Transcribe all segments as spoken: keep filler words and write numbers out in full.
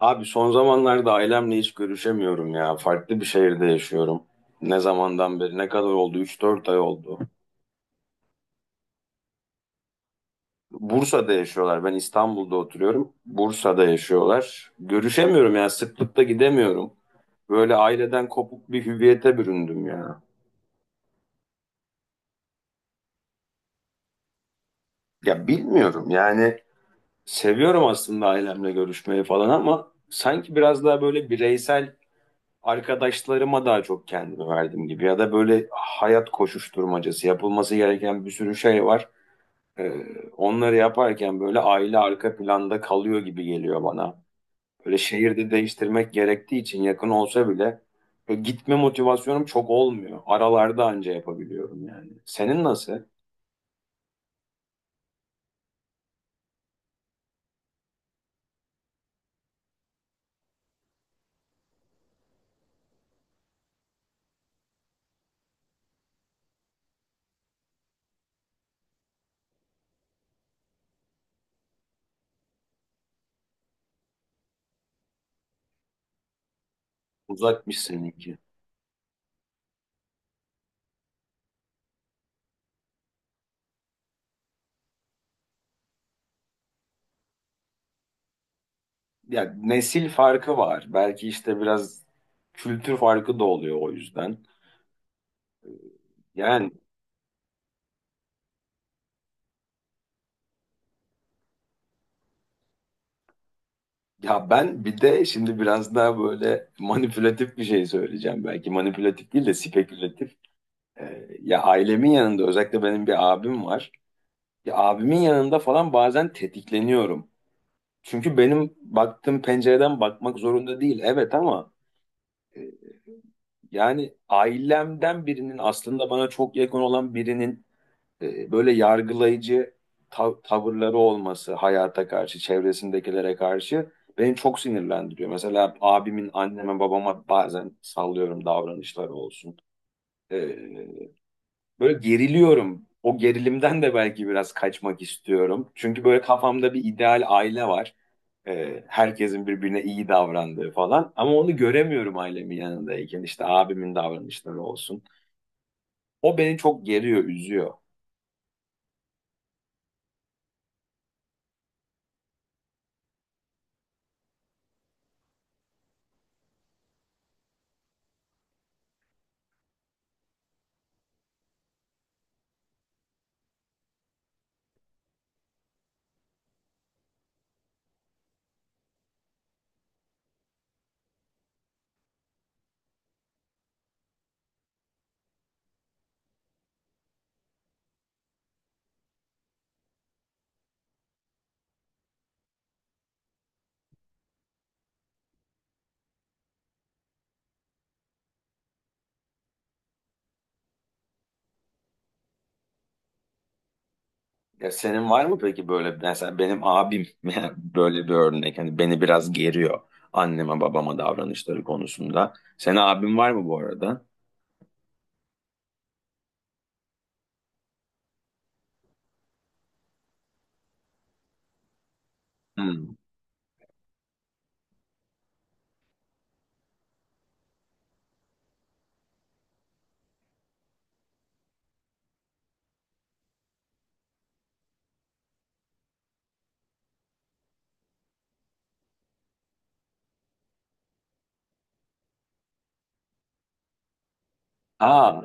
Abi son zamanlarda ailemle hiç görüşemiyorum ya. Farklı bir şehirde yaşıyorum. Ne zamandan beri? Ne kadar oldu? Üç dört ay oldu. Bursa'da yaşıyorlar. Ben İstanbul'da oturuyorum. Bursa'da yaşıyorlar. Görüşemiyorum ya. Sıklıkla gidemiyorum. Böyle aileden kopuk bir hüviyete büründüm ya. Ya bilmiyorum yani. Seviyorum aslında ailemle görüşmeyi falan ama sanki biraz daha böyle bireysel arkadaşlarıma daha çok kendimi verdim gibi ya da böyle hayat koşuşturmacası yapılması gereken bir sürü şey var. Ee, Onları yaparken böyle aile arka planda kalıyor gibi geliyor bana. Böyle şehirde değiştirmek gerektiği için yakın olsa bile böyle gitme motivasyonum çok olmuyor. Aralarda anca yapabiliyorum yani. Senin nasıl? Uzakmış seninki. Ya nesil farkı var. Belki işte biraz kültür farkı da oluyor o yüzden. Yani ya ben bir de şimdi biraz daha böyle manipülatif bir şey söyleyeceğim. Belki manipülatif değil de spekülatif. Ee, ya ailemin yanında özellikle benim bir abim var. Ya abimin yanında falan bazen tetikleniyorum. Çünkü benim baktığım pencereden bakmak zorunda değil. Evet ama e, yani ailemden birinin aslında bana çok yakın olan birinin e, böyle yargılayıcı tav- tavırları olması hayata karşı, çevresindekilere karşı beni çok sinirlendiriyor. Mesela abimin anneme babama bazen sallıyorum davranışları olsun. E, Böyle geriliyorum. O gerilimden de belki biraz kaçmak istiyorum. Çünkü böyle kafamda bir ideal aile var. Ee, herkesin birbirine iyi davrandığı falan. Ama onu göremiyorum ailemin yanındayken. İşte abimin davranışları olsun. O beni çok geriyor, üzüyor. Ya senin var mı peki böyle mesela benim abim böyle bir örnek. Hani beni biraz geriyor anneme babama davranışları konusunda. Senin abin var mı bu arada? Hmm. Aa,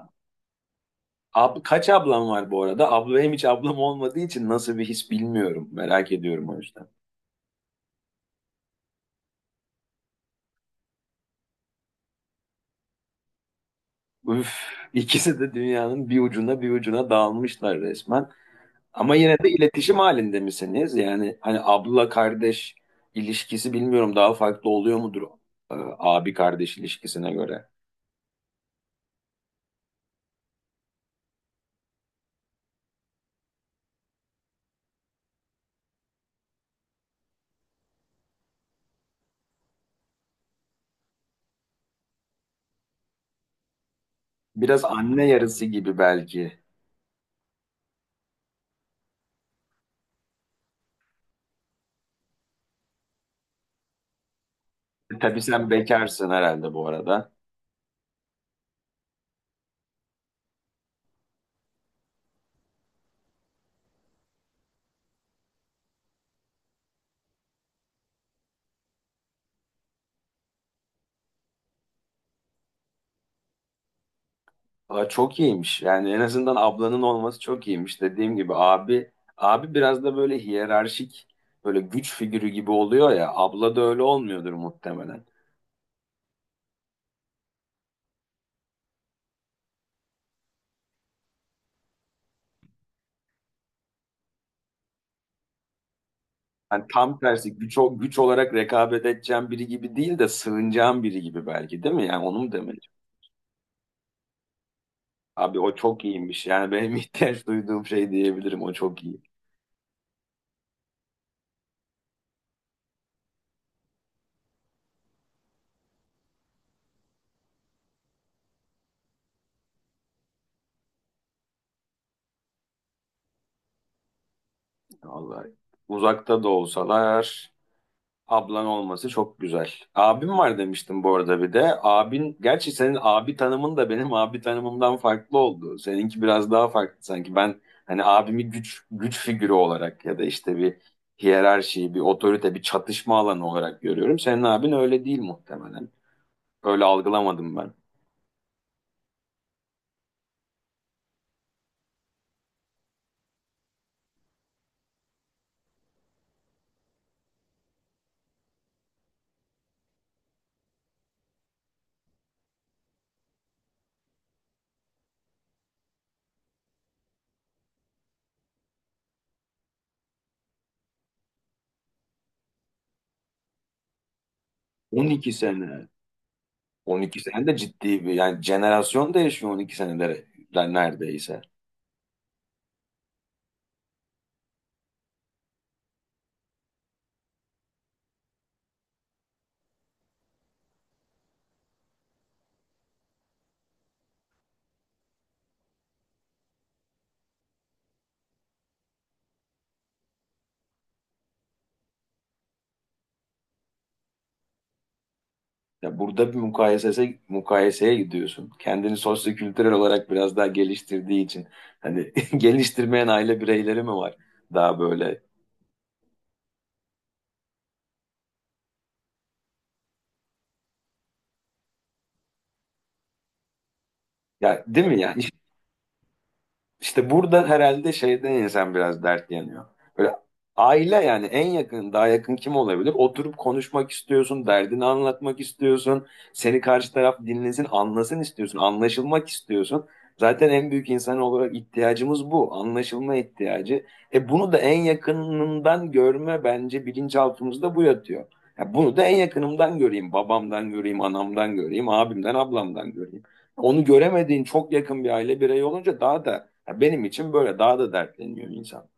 Ab kaç ablam var bu arada? Abla hem hiç ablam olmadığı için nasıl bir his bilmiyorum. Merak ediyorum o yüzden. Üf, ikisi de dünyanın bir ucuna bir ucuna dağılmışlar resmen. Ama yine de iletişim halinde misiniz? Yani hani abla kardeş ilişkisi bilmiyorum daha farklı oluyor mudur e, abi kardeş ilişkisine göre? Biraz anne yarısı gibi belki. Tabii sen bekarsın herhalde bu arada. Aa, çok iyiymiş. Yani en azından ablanın olması çok iyiymiş. Dediğim gibi abi abi biraz da böyle hiyerarşik böyle güç figürü gibi oluyor ya. Abla da öyle olmuyordur muhtemelen. Yani tam tersi güç o- güç olarak rekabet edeceğim biri gibi değil de sığınacağım biri gibi belki değil mi? Yani onu mu demeli? Abi o çok iyiymiş. Yani benim ihtiyaç duyduğum şey diyebilirim. O çok iyi. Vallahi uzakta da olsalar ablan olması çok güzel. Abim var demiştim bu arada bir de. Abin, gerçi senin abi tanımın da benim abi tanımımdan farklı oldu. Seninki biraz daha farklı sanki. Ben hani abimi güç güç figürü olarak ya da işte bir hiyerarşi, bir otorite, bir çatışma alanı olarak görüyorum. Senin abin öyle değil muhtemelen. Öyle algılamadım ben. on iki sene. on iki sene de ciddi bir yani jenerasyon değişiyor on iki senede neredeyse. Ya burada bir mukayesese, mukayeseye gidiyorsun. Kendini sosyokültürel olarak biraz daha geliştirdiği için. Hani geliştirmeyen aile bireyleri mi var? Daha böyle. Ya değil mi yani? İşte burada herhalde şeyden insan biraz dert yanıyor. Böyle aile yani en yakın, daha yakın kim olabilir? Oturup konuşmak istiyorsun, derdini anlatmak istiyorsun. Seni karşı taraf dinlesin, anlasın istiyorsun, anlaşılmak istiyorsun. Zaten en büyük insan olarak ihtiyacımız bu, anlaşılma ihtiyacı. E bunu da en yakınından görme bence bilinçaltımızda bu yatıyor. Ya bunu da en yakınımdan göreyim, babamdan göreyim, anamdan göreyim, abimden, ablamdan göreyim. Onu göremediğin çok yakın bir aile bireyi olunca daha da ya benim için böyle daha da dertleniyor insan.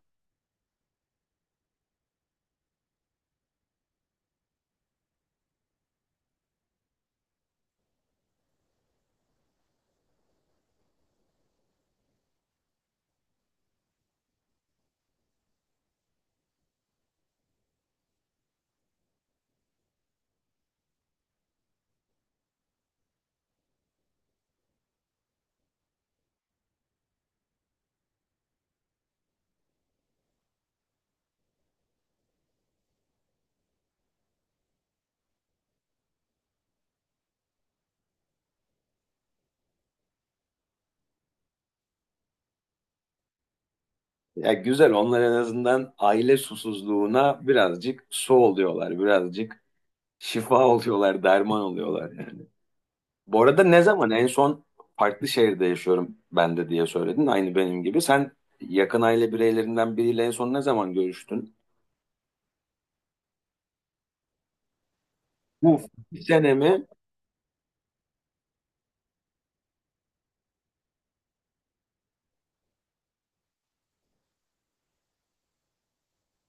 Ya güzel onlar en azından aile susuzluğuna birazcık su oluyorlar. Birazcık şifa oluyorlar, derman oluyorlar yani. Bu arada ne zaman en son farklı şehirde yaşıyorum ben de diye söyledin. Aynı benim gibi. Sen yakın aile bireylerinden biriyle en son ne zaman görüştün? Bu bir sene mi?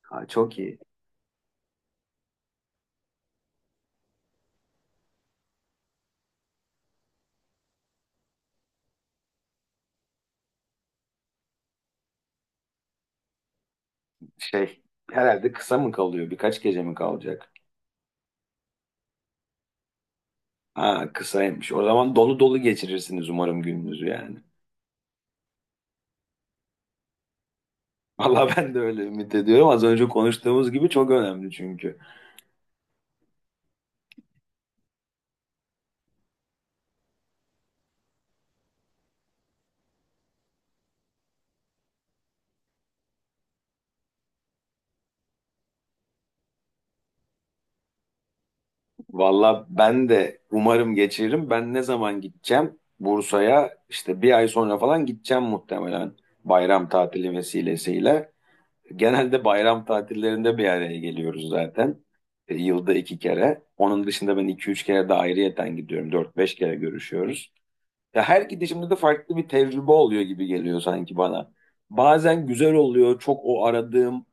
Ha, çok iyi. Şey herhalde kısa mı kalıyor? Birkaç gece mi kalacak? Ha kısaymış. O zaman dolu dolu geçirirsiniz umarım gününüzü yani. Valla ben de öyle ümit ediyorum. Az önce konuştuğumuz gibi çok önemli çünkü. Valla ben de umarım geçiririm. Ben ne zaman gideceğim? Bursa'ya işte bir ay sonra falan gideceğim muhtemelen bayram tatili vesilesiyle. Genelde bayram tatillerinde bir araya geliyoruz zaten. E, yılda iki kere. Onun dışında ben iki üç kere de ayrıyeten gidiyorum. Dört beş kere görüşüyoruz. Ya her gidişimde de farklı bir tecrübe oluyor gibi geliyor sanki bana. Bazen güzel oluyor, çok o aradığım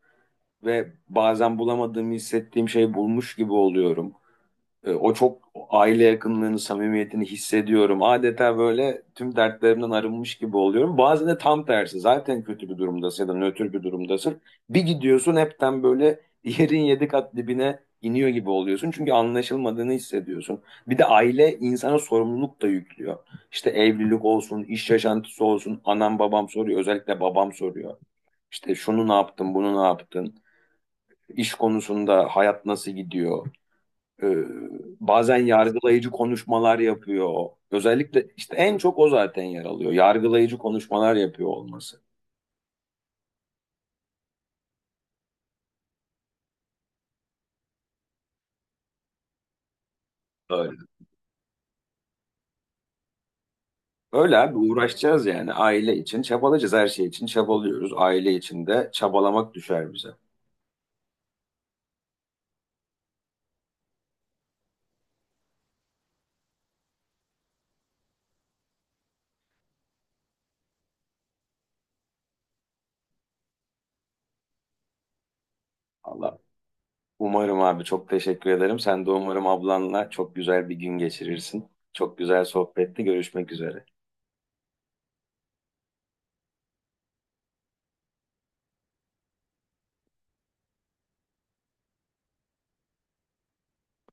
ve bazen bulamadığımı hissettiğim şey bulmuş gibi oluyorum. E, O çok aile yakınlığını, samimiyetini hissediyorum. Adeta böyle tüm dertlerimden arınmış gibi oluyorum. Bazen de tam tersi. Zaten kötü bir durumdasın ya da nötr bir durumdasın. Bir gidiyorsun hepten böyle yerin yedi kat dibine iniyor gibi oluyorsun. Çünkü anlaşılmadığını hissediyorsun. Bir de aile insana sorumluluk da yüklüyor. İşte evlilik olsun, iş yaşantısı olsun. Anam babam soruyor. Özellikle babam soruyor. İşte şunu ne yaptın, bunu ne yaptın? İş konusunda hayat nasıl gidiyor? Ee, bazen yargılayıcı konuşmalar yapıyor. Özellikle işte en çok o zaten yer alıyor. Yargılayıcı konuşmalar yapıyor olması. Öyle. Öyle abi uğraşacağız yani aile için çabalayacağız her şey için çabalıyoruz. Aile için de çabalamak düşer bize. Allah. Umarım abi çok teşekkür ederim. Sen de umarım ablanla çok güzel bir gün geçirirsin. Çok güzel sohbetti. Görüşmek üzere.